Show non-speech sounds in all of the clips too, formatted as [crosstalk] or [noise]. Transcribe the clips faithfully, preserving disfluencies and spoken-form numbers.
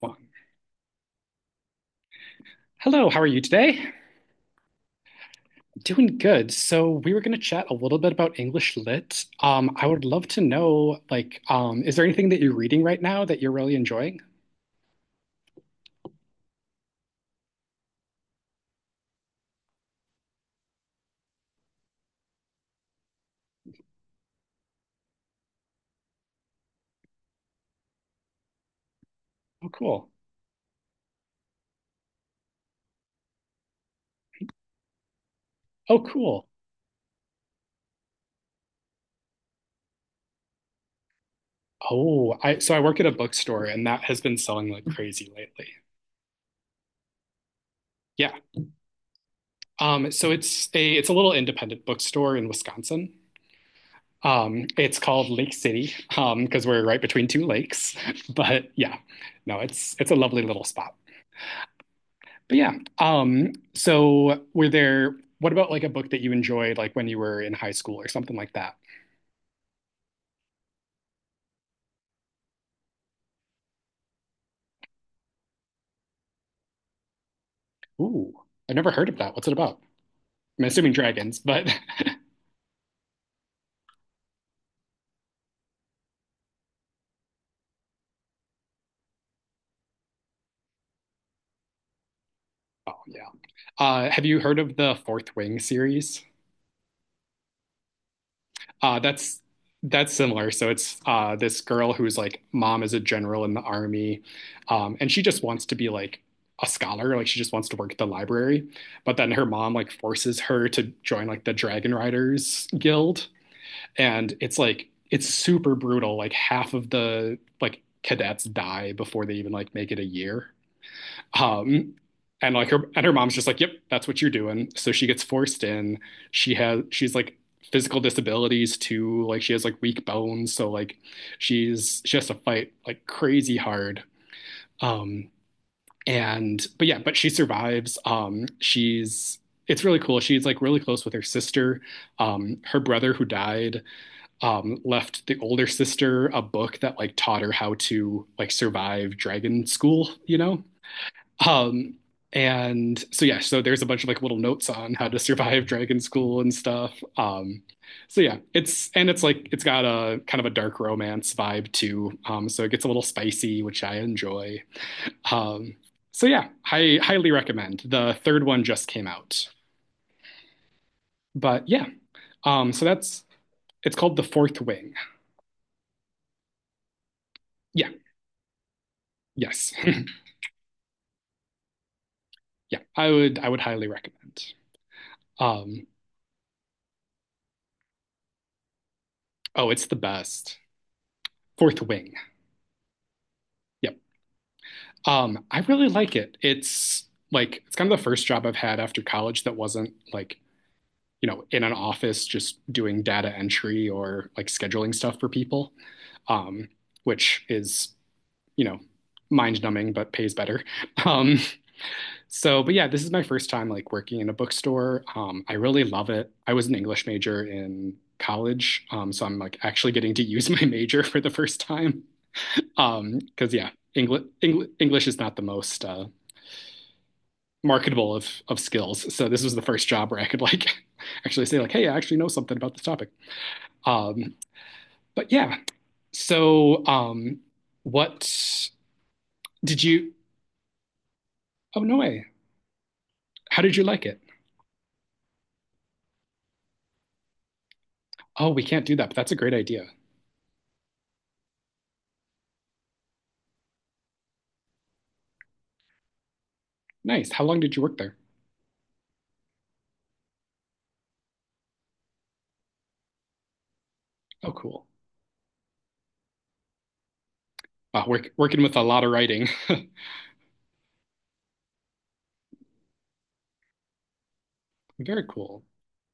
Well, Hello, how are you today? Doing good. So we were going to chat a little bit about English lit. Um, I would love to know, like, um, is there anything that you're reading right now that you're really enjoying? Oh, cool. Oh, cool. Oh, I so I work at a bookstore and that has been selling like crazy lately. Yeah, Um, so it's a it's a little independent bookstore in Wisconsin. Um, it's called Lake City um, because um, we're right between two lakes. [laughs] But yeah, no, it's it's a lovely little spot. But yeah, um, so were there? What about like a book that you enjoyed, like when you were in high school or something like that? Ooh, I've never heard of that. What's it about? I'm assuming dragons, but [laughs] oh yeah. Uh, have you heard of the Fourth Wing series? Uh, that's that's similar. So it's uh, this girl who's like mom is a general in the army, um, and she just wants to be like a scholar. Like she just wants to work at the library, but then her mom like forces her to join like the Dragon Riders Guild, and it's like it's super brutal. Like half of the like cadets die before they even like make it a year. Um, and like her and her mom's just like, yep, that's what you're doing. So she gets forced in. She has she's like physical disabilities too. Like she has like weak bones, so like she's she has to fight like crazy hard. Um, and but yeah, but she survives. Um, she's it's really cool. She's like really close with her sister. Um, her brother who died um, left the older sister a book that like taught her how to like survive dragon school, you know? Um, and so yeah, so there's a bunch of like little notes on how to survive [laughs] Dragon School and stuff. Um, so yeah, it's and it's like it's got a kind of a dark romance vibe too. Um, so it gets a little spicy, which I enjoy. Um, so yeah, I highly recommend. The third one just came out, but yeah, um, so that's it's called The Fourth Wing. Yeah, yes, [laughs] yeah, I would I would highly recommend. Um, oh, it's the best. Fourth Wing. Yep. Um, I really like it. It's like it's kind of the first job I've had after college that wasn't like, you know, in an office just doing data entry or like scheduling stuff for people, um, which is, you know, mind numbing but pays better. [laughs] Um, so, but yeah, this is my first time like working in a bookstore. Um, I really love it. I was an English major in college, um, so I'm like actually getting to use [laughs] my major for the first time. Um, because yeah, English English is not the most uh, marketable of of skills. So this was the first job where I could like [laughs] actually say like, hey, I actually know something about this topic. Um, but yeah, so um, what did you? Oh no way! How did you like it? Oh, we can't do that, but that's a great idea. Nice. How long did you work there? Oh, cool. Wow, work, working with a lot of writing. [laughs] Very cool.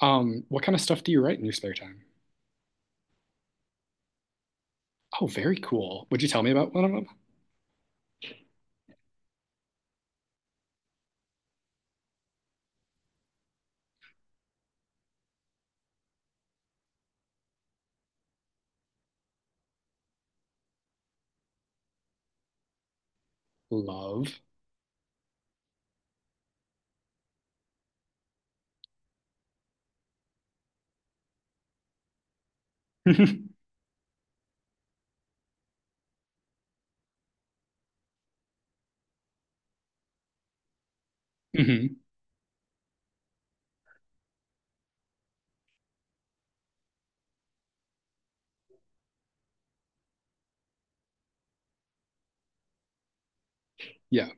Um, what kind of stuff do you write in your spare time? Oh, very cool. Would you tell me about one of them? Love. [laughs] hmm. Yeah.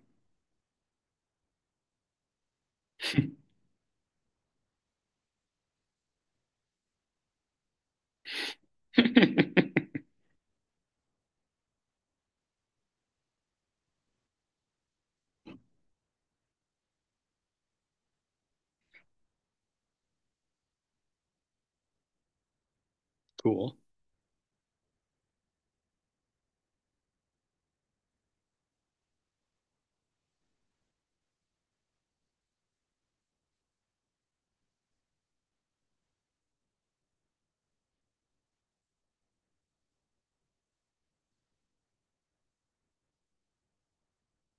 [laughs] cool.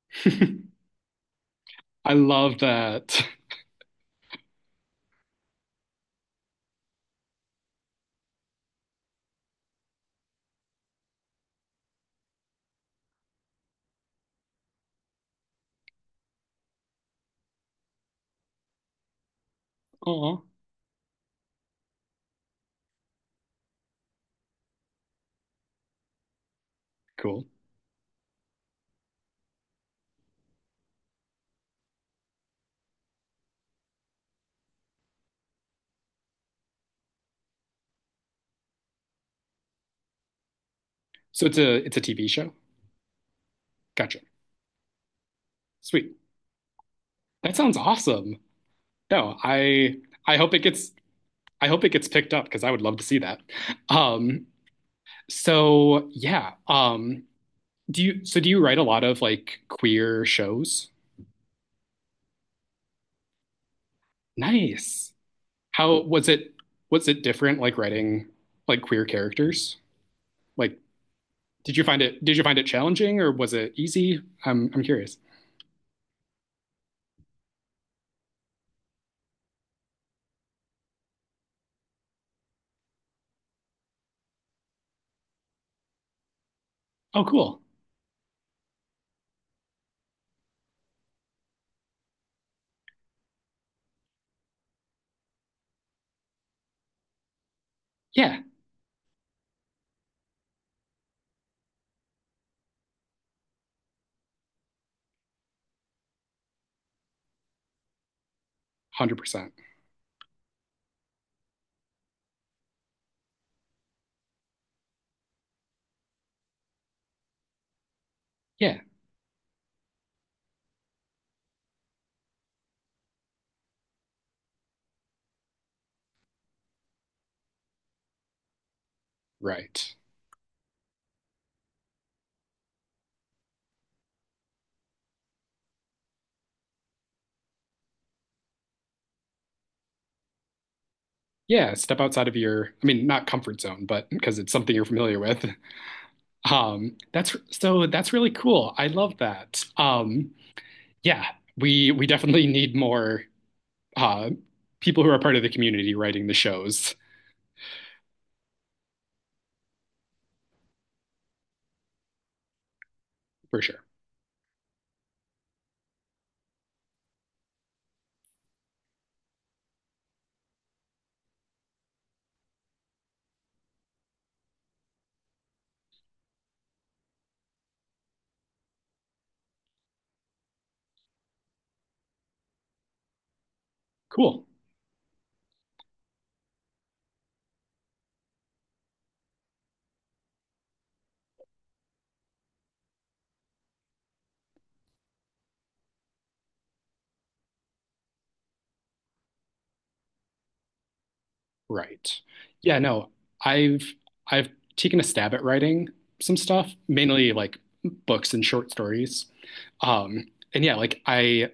[laughs] I love that. [laughs] Oh, cool. So it's a it's a T V show. Gotcha. Sweet. That sounds awesome. No, I I hope it gets I hope it gets picked up because I would love to see that. Um, so yeah. Um, do you so do you write a lot of like queer shows? Nice. How was it, was it different like writing like queer characters? Like did you find it did you find it challenging or was it easy? I'm I'm curious. Oh, cool. Yeah, one hundred percent. Yeah. Right. Yeah, step outside of your, I mean, not comfort zone, but because it's something you're familiar with. [laughs] Um, that's so that's really cool. I love that. Um, yeah, we we definitely need more uh people who are part of the community writing the shows for sure. Cool. Right. Yeah, no, I've I've taken a stab at writing some stuff, mainly like books and short stories. Um, and yeah, like I,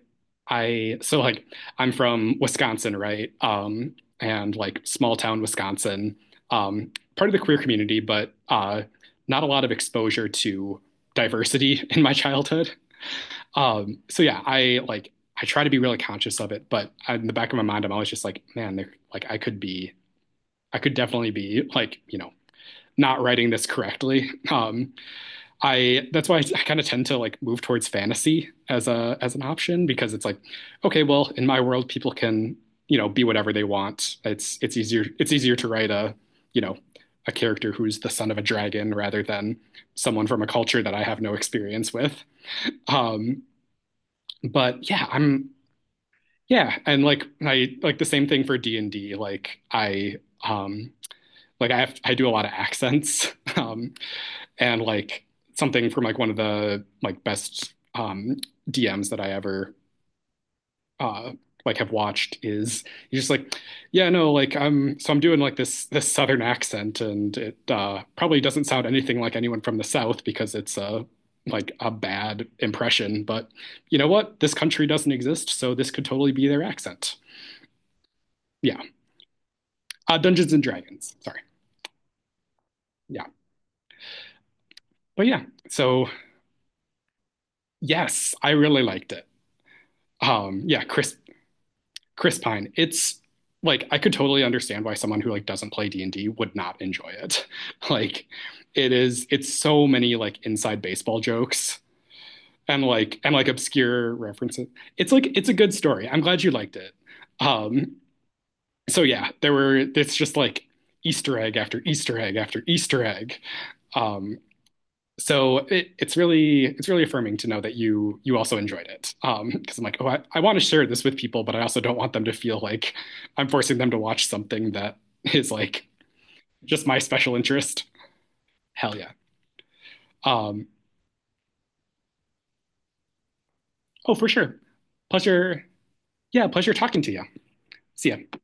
I, so like I'm from Wisconsin, right? Um, and like small town Wisconsin, um, part of the queer community, but uh, not a lot of exposure to diversity [laughs] in my childhood. Um, so yeah, I like I try to be really conscious of it, but in the back of my mind, I'm always just like, man, there, like I could be, I could definitely be like, you know, not writing this correctly. [laughs] Um, I that's why I, I kind of tend to like move towards fantasy as a as an option because it's like, okay, well, in my world, people can you know be whatever they want. It's it's easier, it's easier to write a you know a character who's the son of a dragon rather than someone from a culture that I have no experience with. Um, but yeah, I'm yeah, and like I like the same thing for D and D. Like I um like I have I do a lot of accents. [laughs] Um, and like something from like one of the like best um, D Ms that I ever uh, like have watched is he's just like, yeah, no, like I'm so I'm doing like this this southern accent and it uh, probably doesn't sound anything like anyone from the south because it's a like a bad impression. But you know what? This country doesn't exist, so this could totally be their accent. Yeah, uh, Dungeons and Dragons. Sorry. Yeah, but yeah. So yes, I really liked it. Um, yeah, Chris Chris Pine. It's like I could totally understand why someone who like doesn't play D and D would not enjoy it. [laughs] Like it is, it's so many like inside baseball jokes and like and like obscure references. It's like it's a good story. I'm glad you liked it. Um, so yeah, there were it's just like Easter egg after Easter egg after Easter egg. Um, so it, it's really, it's really affirming to know that you you also enjoyed it, um, because I'm like oh i, I want to share this with people but I also don't want them to feel like I'm forcing them to watch something that [laughs] is like just my special interest. Hell yeah. um oh for sure. Pleasure, yeah, pleasure talking to you. See ya.